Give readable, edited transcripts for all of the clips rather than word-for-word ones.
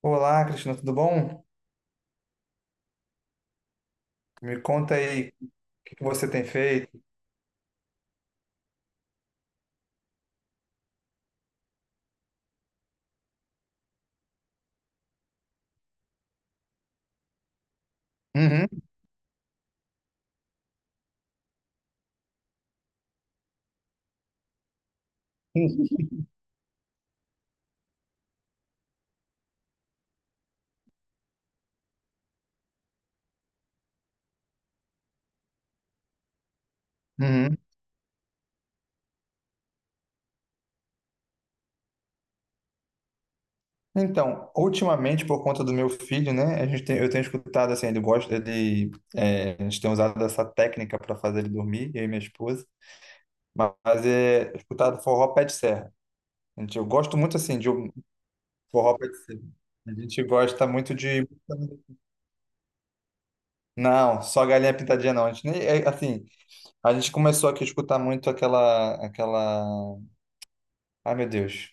Olá, Cristina, tudo bom? Me conta aí o que que você tem feito. Uhum, uhum. Então, ultimamente, por conta do meu filho, né, eu tenho escutado assim, ele gosta, ele, é, a gente tem usado essa técnica para fazer ele dormir, eu e minha esposa, mas é escutado forró pé de serra. Eu gosto muito assim de um forró pé de serra. A gente gosta muito de não, só galinha pintadinha não. A gente nem, assim, a gente começou aqui a escutar muito aquela. Ai, meu Deus.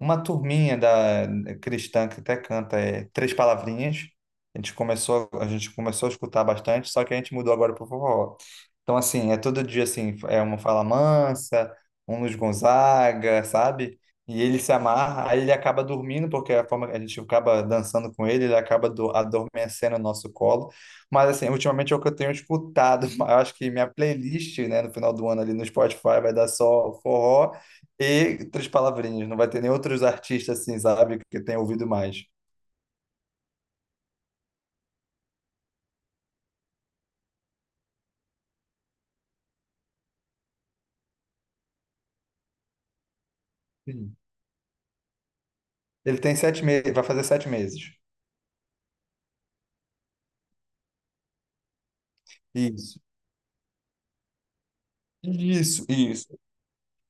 Uma turminha da cristã que até canta três palavrinhas. A gente começou a escutar bastante, só que a gente mudou agora para o forró. Então, assim, é todo dia assim, é uma Fala Mansa, um Luiz Gonzaga, sabe? E ele se amarra, aí ele acaba dormindo, porque a forma que a gente acaba dançando com ele, ele acaba adormecendo no nosso colo. Mas, assim, ultimamente é o que eu tenho escutado. Eu acho que minha playlist, né, no final do ano ali no Spotify vai dar só forró e três palavrinhas, não vai ter nem outros artistas assim, sabe, que tem ouvido mais. Sim. Ele tem 7 meses, vai fazer 7 meses. Isso. Isso, isso.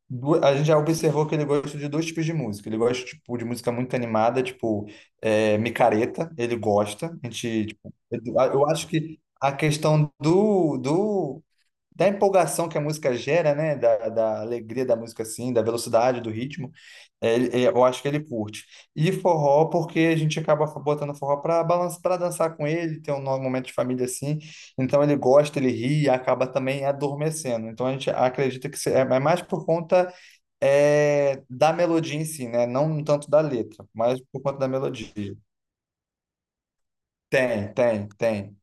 A gente já observou que ele gosta de dois tipos de música. Ele gosta, tipo, de música muito animada, tipo, micareta, ele gosta. A gente, tipo, eu acho que a questão do, do da empolgação que a música gera, né? Da alegria da música, assim, da velocidade do ritmo, eu acho que ele curte. E forró, porque a gente acaba botando forró para balançar, para dançar com ele, ter um momento de família assim. Então ele gosta, ele ri e acaba também adormecendo. Então a gente acredita que é mais por conta da melodia em si, né? Não tanto da letra, mas por conta da melodia. Tem, tem, tem.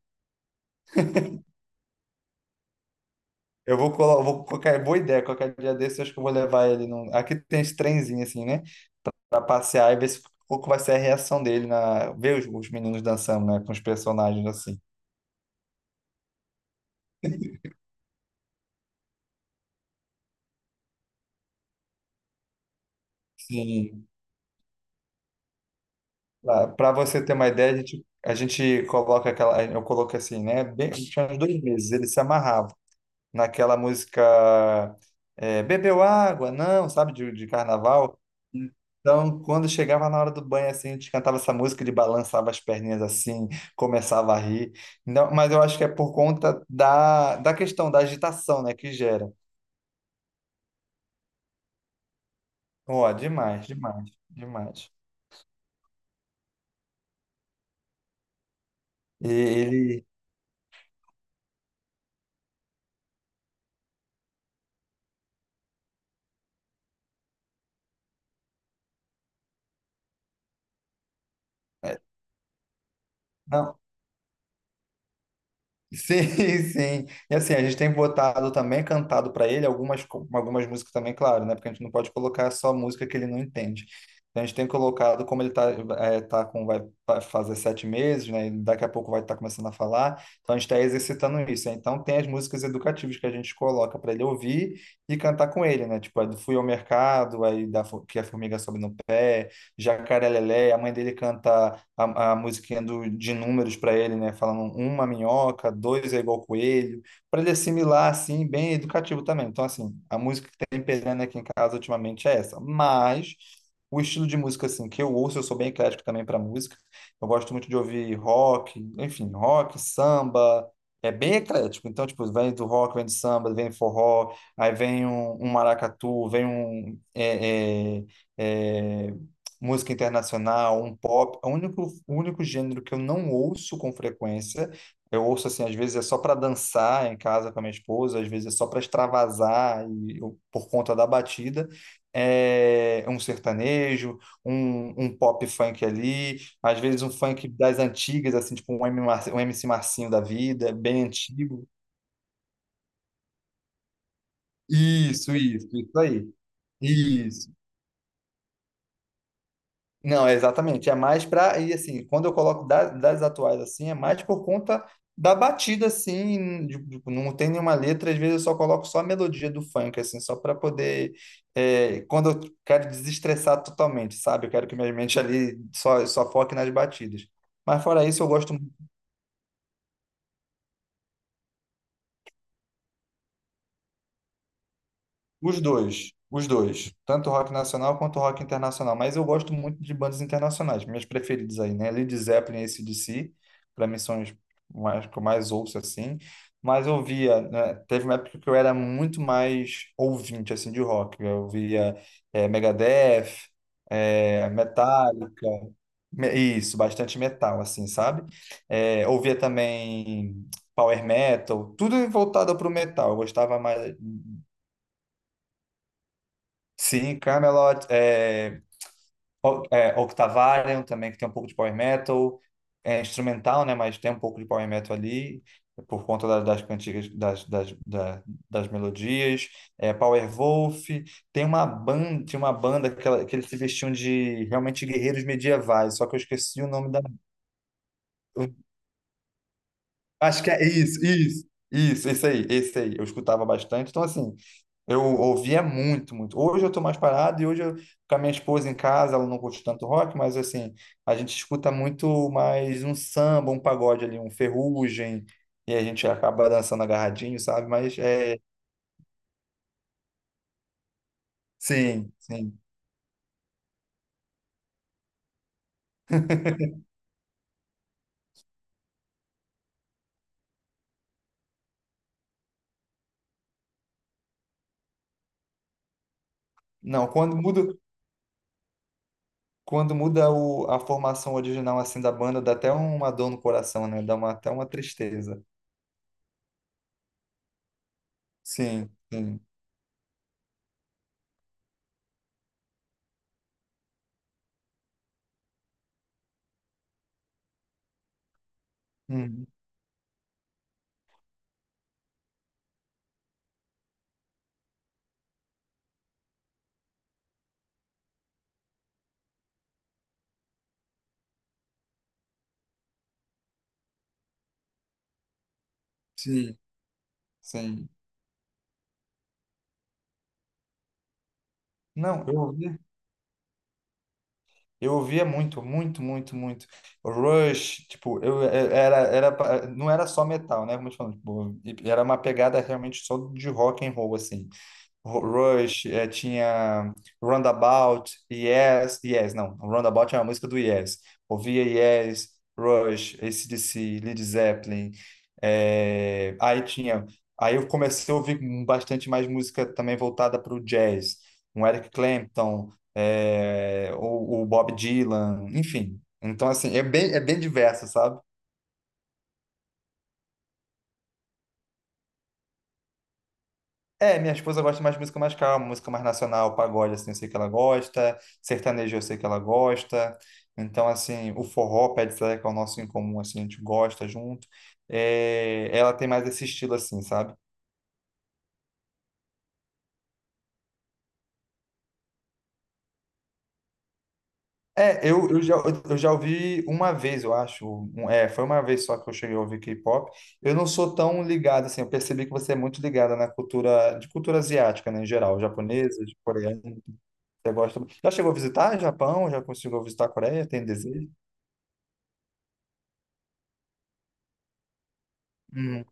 Eu vou colocar, boa ideia, qualquer dia desse, eu acho que eu vou levar ele num. Aqui tem esse trenzinho assim, né? Pra passear e ver se, qual que vai ser a reação dele na ver os meninos dançando, né, com os personagens assim. Sim. Pra você ter uma ideia, a gente coloca aquela, eu coloquei assim, né, bem, tinha uns 2 meses, ele se amarrava naquela música Bebeu água, não, sabe, de carnaval. Então, quando chegava na hora do banho, assim, a gente cantava essa música, ele balançava as perninhas assim, começava a rir. Não, mas eu acho que é por conta da questão da agitação, né, que gera. Ó, demais, demais, demais. E ele. Não, sim, sim. E assim, a gente tem botado também, cantado para ele algumas, algumas músicas também, claro, né? Porque a gente não pode colocar só música que ele não entende. Então a gente tem colocado, como ele tá, tá com, vai fazer 7 meses, né? E daqui a pouco vai estar começando a falar. Então a gente está exercitando isso, né. Então tem as músicas educativas que a gente coloca para ele ouvir e cantar com ele, né? Tipo, a do Fui ao Mercado, aí que a formiga sobe no pé, Jacaré Lelé, a mãe dele canta. A musiquinha de números para ele, né? Falando uma minhoca, dois é igual coelho, para ele assimilar, assim, bem educativo também. Então, assim, a música que tem pegando aqui em casa ultimamente é essa. Mas o estilo de música, assim, que eu ouço, eu sou bem eclético também para música. Eu gosto muito de ouvir rock, enfim, rock, samba. É bem eclético, então, tipo, vem do rock, vem do samba, vem forró, aí vem um, maracatu, vem um, é, música internacional, um pop. O único gênero que eu não ouço com frequência, eu ouço assim, às vezes é só para dançar em casa com a minha esposa, às vezes é só para extravasar e por conta da batida. É um sertanejo, um pop funk ali, às vezes um funk das antigas, assim, tipo um MC Marcinho da vida, bem antigo. Isso aí. Isso. Não, é exatamente. É mais para. E assim, quando eu coloco das atuais assim, é mais por conta da batida, assim. Não tem nenhuma letra, às vezes eu só coloco só a melodia do funk, assim, só para poder. Quando eu quero desestressar totalmente, sabe? Eu quero que minha mente ali só foque nas batidas. Mas fora isso, eu gosto. Os dois, tanto rock nacional quanto rock internacional, mas eu gosto muito de bandas internacionais, minhas preferidas aí, né? Led Zeppelin e AC/DC, para mim são os mais, que eu mais ouço assim, mas eu via, né? Teve uma época que eu era muito mais ouvinte assim de rock, eu via Megadeth, Metallica, isso, bastante metal assim, sabe? Ouvia também power metal, tudo voltado para o metal, eu gostava mais. Sim, Camelot, Octavarium também, que tem um pouco de power metal, é instrumental, né, mas tem um pouco de power metal ali, por conta das cantigas, das melodias, Powerwolf, tinha uma banda que, que eles se vestiam de, realmente, guerreiros medievais, só que eu esqueci o nome da. Eu acho que é isso, isso, isso, esse aí, eu escutava bastante, então assim. Eu ouvia muito, muito. Hoje eu tô mais parado e hoje eu, com a minha esposa em casa, ela não curte tanto rock, mas assim, a gente escuta muito mais um samba, um pagode ali, um ferrugem, e a gente acaba dançando agarradinho, sabe? Mas é, sim, sim. Não, quando muda a formação original assim da banda, dá até uma dor no coração, né? Dá até uma tristeza. Sim, sim. Uhum. Sim, sim. Não, eu ouvi. Eu ouvia muito, muito, muito, muito. Rush, tipo, não era só metal, né? Como eu te falo, tipo, era uma pegada realmente só de rock and roll, assim. Rush, tinha Roundabout, Yes, Yes, não, Roundabout é uma música do Yes. Ouvia Yes, Rush, AC/DC, Led Zeppelin. É, aí eu comecei a ouvir bastante mais música também voltada para o jazz, um Eric Clapton, o Bob Dylan, enfim. Então assim, é bem, diverso, sabe? É, minha esposa gosta mais de música mais calma, música mais nacional, pagode, assim, eu sei que ela gosta, sertanejo eu sei que ela gosta, então, assim, o forró, pé de serra, que é o nosso em comum, assim, a gente gosta junto. É, ela tem mais esse estilo, assim, sabe? É, eu já ouvi uma vez, eu acho, foi uma vez só que eu cheguei a ouvir K-pop, eu não sou tão ligado, assim, eu percebi que você é muito ligada na cultura, de cultura asiática, né, em geral, japonesa, coreana, você gosta. Já chegou a visitar Japão? Já conseguiu visitar a Coreia? Tem desejo? Uhum,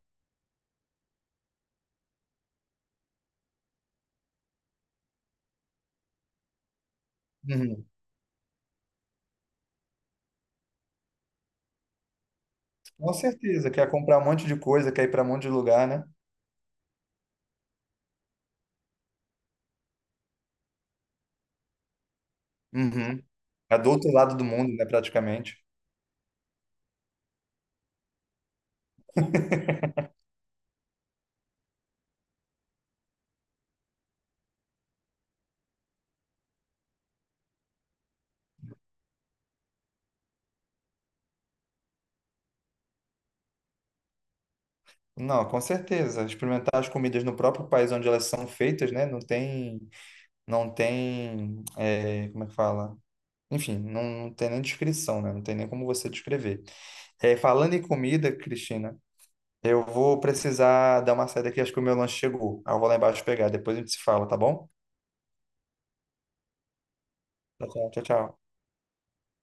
uhum. Com certeza, quer comprar um monte de coisa, quer ir para um monte de lugar, né? Uhum. É do outro lado do mundo, né, praticamente. Não, com certeza. Experimentar as comidas no próprio país onde elas são feitas, né? Não tem, como é que fala? Enfim, não, não tem nem descrição, né? Não tem nem como você descrever. É, falando em comida, Cristina, eu vou precisar dar uma saída aqui, acho que o meu lanche chegou. Aí eu vou lá embaixo pegar, depois a gente se fala, tá bom? Tchau, tchau, tchau. Tchau.